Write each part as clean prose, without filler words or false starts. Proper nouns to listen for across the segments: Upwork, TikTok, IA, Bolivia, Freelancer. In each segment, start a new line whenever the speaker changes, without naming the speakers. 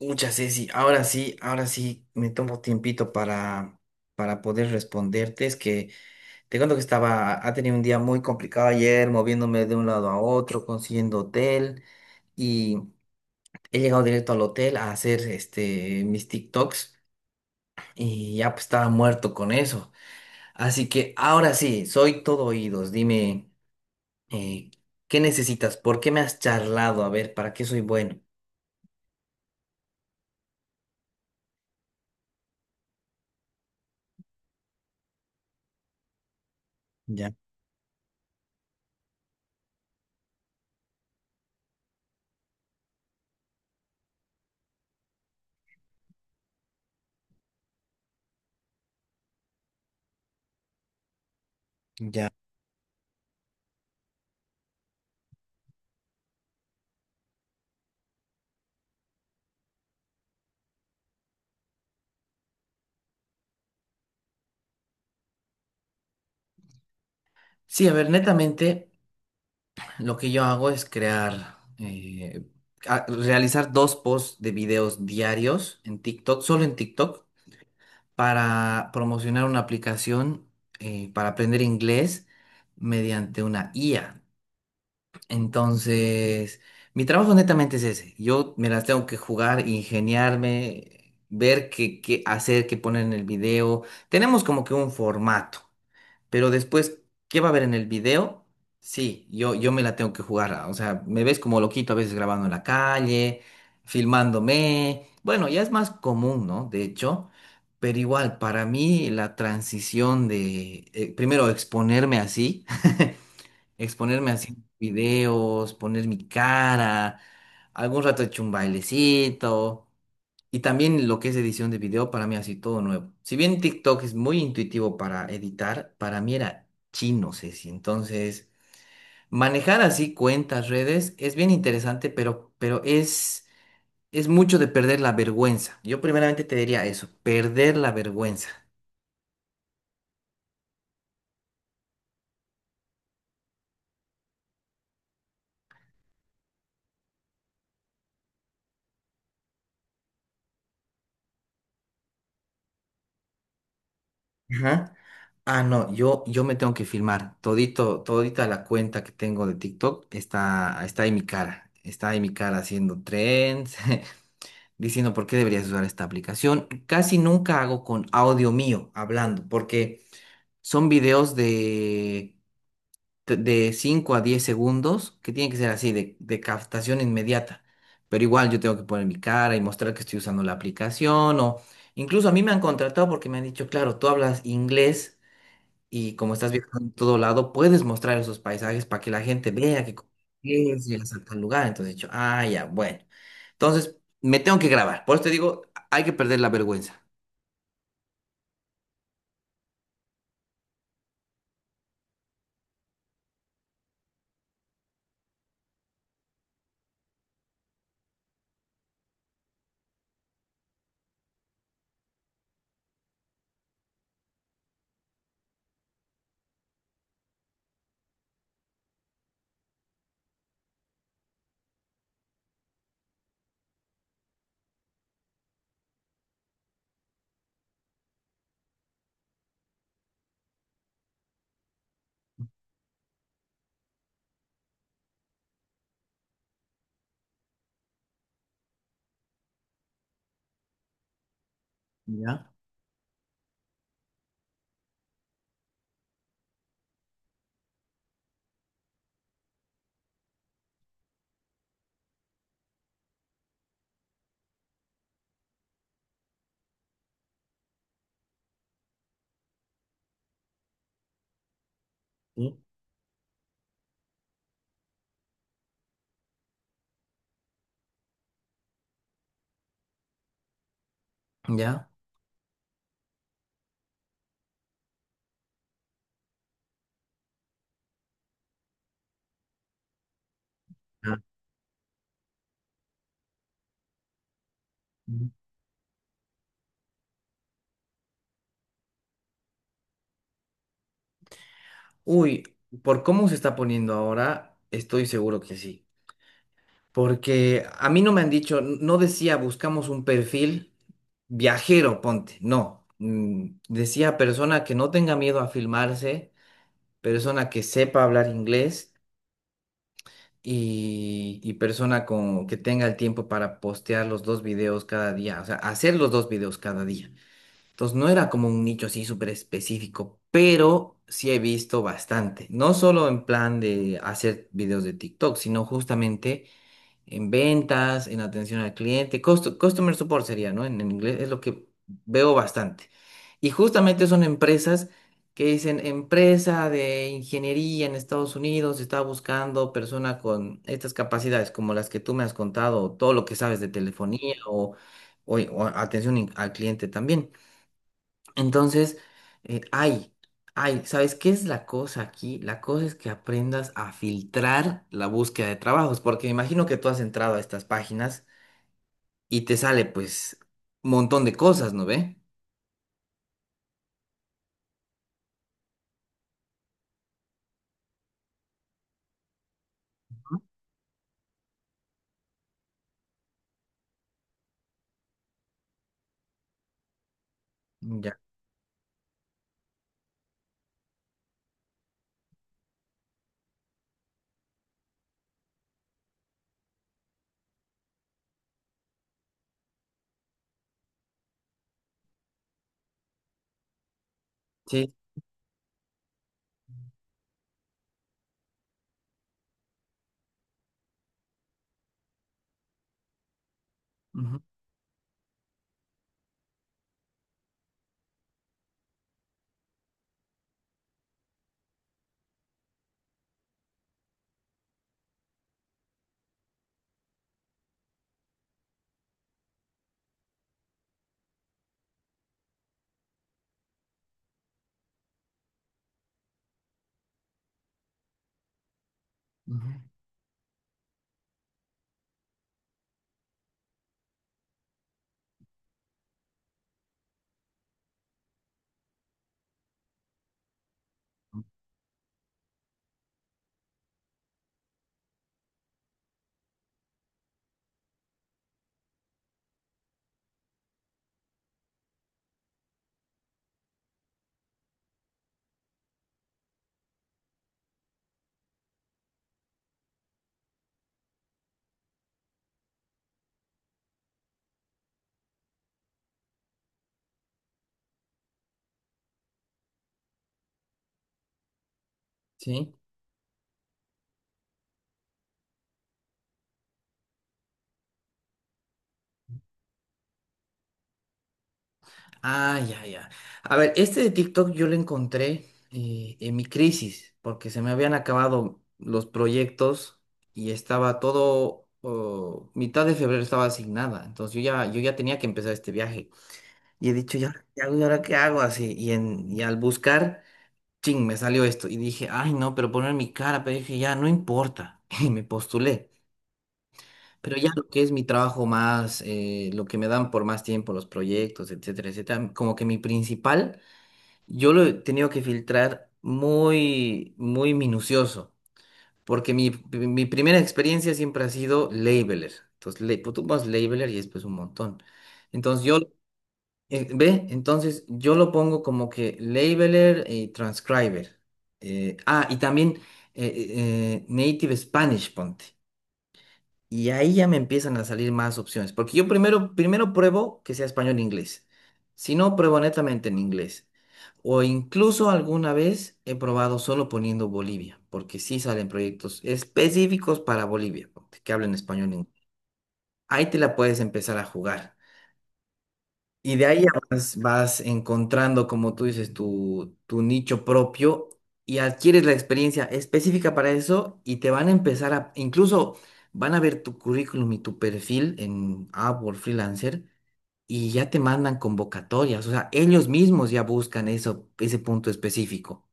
Muchas, Ceci. Ahora sí me tomo tiempito para poder responderte. Es que te cuento que estaba, ha tenido un día muy complicado ayer, moviéndome de un lado a otro, consiguiendo hotel y he llegado directo al hotel a hacer este, mis TikToks y ya pues estaba muerto con eso. Así que ahora sí, soy todo oídos. Dime, eh, ¿qué necesitas? ¿Por qué me has charlado? A ver, ¿para qué soy bueno? Ya, ya. Sí, a ver, netamente. Lo que yo hago es crear, realizar dos posts de videos diarios en TikTok, solo en TikTok, para promocionar una aplicación para aprender inglés mediante una IA. Entonces, mi trabajo netamente es ese. Yo me las tengo que jugar, ingeniarme, ver qué hacer, qué poner en el video. Tenemos como que un formato. Pero después, ¿qué va a haber en el video? Sí, yo me la tengo que jugar. O sea, me ves como loquito a veces grabando en la calle, filmándome. Bueno, ya es más común, ¿no? De hecho, pero igual, para mí la transición de, primero, exponerme así, exponerme así en videos, poner mi cara, algún rato he hecho un bailecito. Y también lo que es edición de video, para mí así todo nuevo. Si bien TikTok es muy intuitivo para editar, para mí era chino, Ceci. Entonces, manejar así cuentas, redes, es bien interesante, pero es mucho de perder la vergüenza. Yo primeramente te diría eso, perder la vergüenza. Ajá. Ah, no, yo me tengo que filmar. Todito, todita la cuenta diciendo por qué deberías usar esta aplicación. Casi nunca hago con audio mío hablando, porque son videos de 5 a 10 segundos que tienen que ser así, de captación inmediata. Pero igual yo tengo que poner mi cara y mostrar que estoy usando la aplicación o incluso a mí me han contratado porque me han dicho, claro, tú hablas inglés. Y como estás viajando en todo lado, puedes mostrar esos paisajes para que la gente vea que es y a tal lugar. Entonces he dicho, ah, ya, bueno. Entonces me tengo que grabar. Por eso te digo, hay que perder la vergüenza. ¿Ya? ¿Sí? ¿Ya? Ah. Uy, por cómo se está poniendo ahora, estoy seguro que sí. Porque a mí no me han dicho, no decía buscamos un perfil viajero, ponte, no. Decía persona que no tenga miedo a filmarse, persona que sepa hablar inglés y persona con, que tenga el tiempo para postear los dos videos cada día, o sea, hacer los dos videos cada día. Entonces no era como un nicho así súper específico, pero sí he visto bastante, no solo en plan de hacer videos de TikTok, sino justamente en ventas, en atención al cliente, customer support sería, ¿no? En inglés es lo que veo bastante. Y justamente son empresas que dicen, empresa de ingeniería en Estados Unidos está buscando persona con estas capacidades, como las que tú me has contado, o todo lo que sabes de telefonía o atención al cliente también. Entonces, eh, ay, ay, ¿sabes qué es la cosa aquí? La cosa es que aprendas a filtrar la búsqueda de trabajos, porque me imagino que tú has entrado a estas páginas y te sale pues un montón de cosas, ¿no ve? Ujú. Ya. Sí. Ujú, ujú, ujú. Sí. Ah, ya, ya. A ver, este de TikTok yo lo encontré en mi crisis, porque se me habían acabado los proyectos y estaba todo, oh, mitad de febrero estaba asignada, entonces yo ya, yo ya tenía que empezar este viaje. Y he dicho, ya, ¿qué hago? ¿Y ahora qué hago? Así, y, en, y al buscar, ching, me salió esto. Y dije, ay, no, pero poner mi cara, pero dije, ya, no importa. Y me postulé. Pero ya lo que es mi trabajo más, lo que me dan por más tiempo, los proyectos, etcétera, etcétera, como que mi principal yo lo he tenido que filtrar muy, muy minucioso, porque mi primera experiencia siempre ha sido labeler. Entonces, le, pues, tú vas labeler y después un montón. Entonces, yo, ¿ve? Entonces, yo lo pongo como que labeler y transcriber. Y también native Spanish, ponte. Y ahí ya me empiezan a salir más opciones, porque yo primero pruebo que sea español-inglés. Si no, pruebo netamente en inglés. O incluso alguna vez he probado solo poniendo Bolivia, porque sí salen proyectos específicos para Bolivia, que hablen español. Ahí te la puedes empezar a jugar. Y de ahí ya vas, vas encontrando, como tú dices, tu nicho propio y adquieres la experiencia específica para eso y te van a empezar a, incluso van a ver tu currículum y tu perfil en Upwork Freelancer y ya te mandan convocatorias, o sea, ellos mismos ya buscan eso, ese punto específico.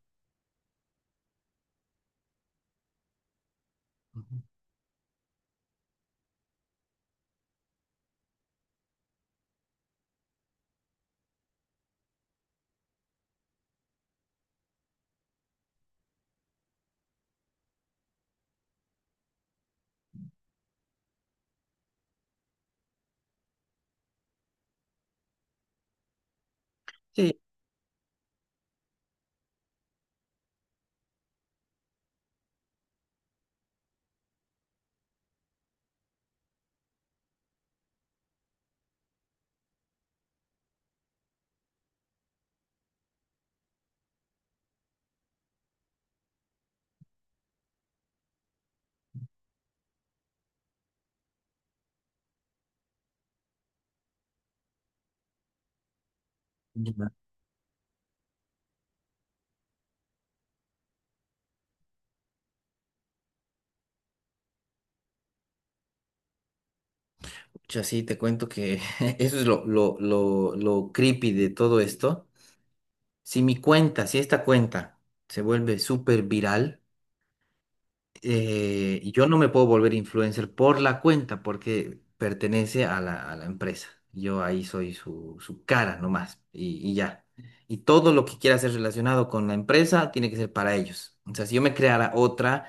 Ujú. Sí. Ya. Pucha, sí, te cuento que eso es lo creepy de todo esto. Si mi cuenta, si esta cuenta se vuelve súper viral, yo no me puedo volver influencer por la cuenta porque pertenece a a la empresa. Yo ahí soy su cara nomás y ya. Y todo lo que quiera ser relacionado con la empresa tiene que ser para ellos. O sea, si yo me creara otra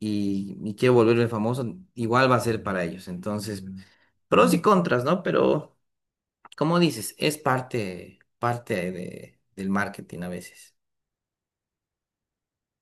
y quiero volverme famoso, igual va a ser para ellos. Entonces, pros y contras, ¿no? Pero, como dices, es parte del marketing a veces.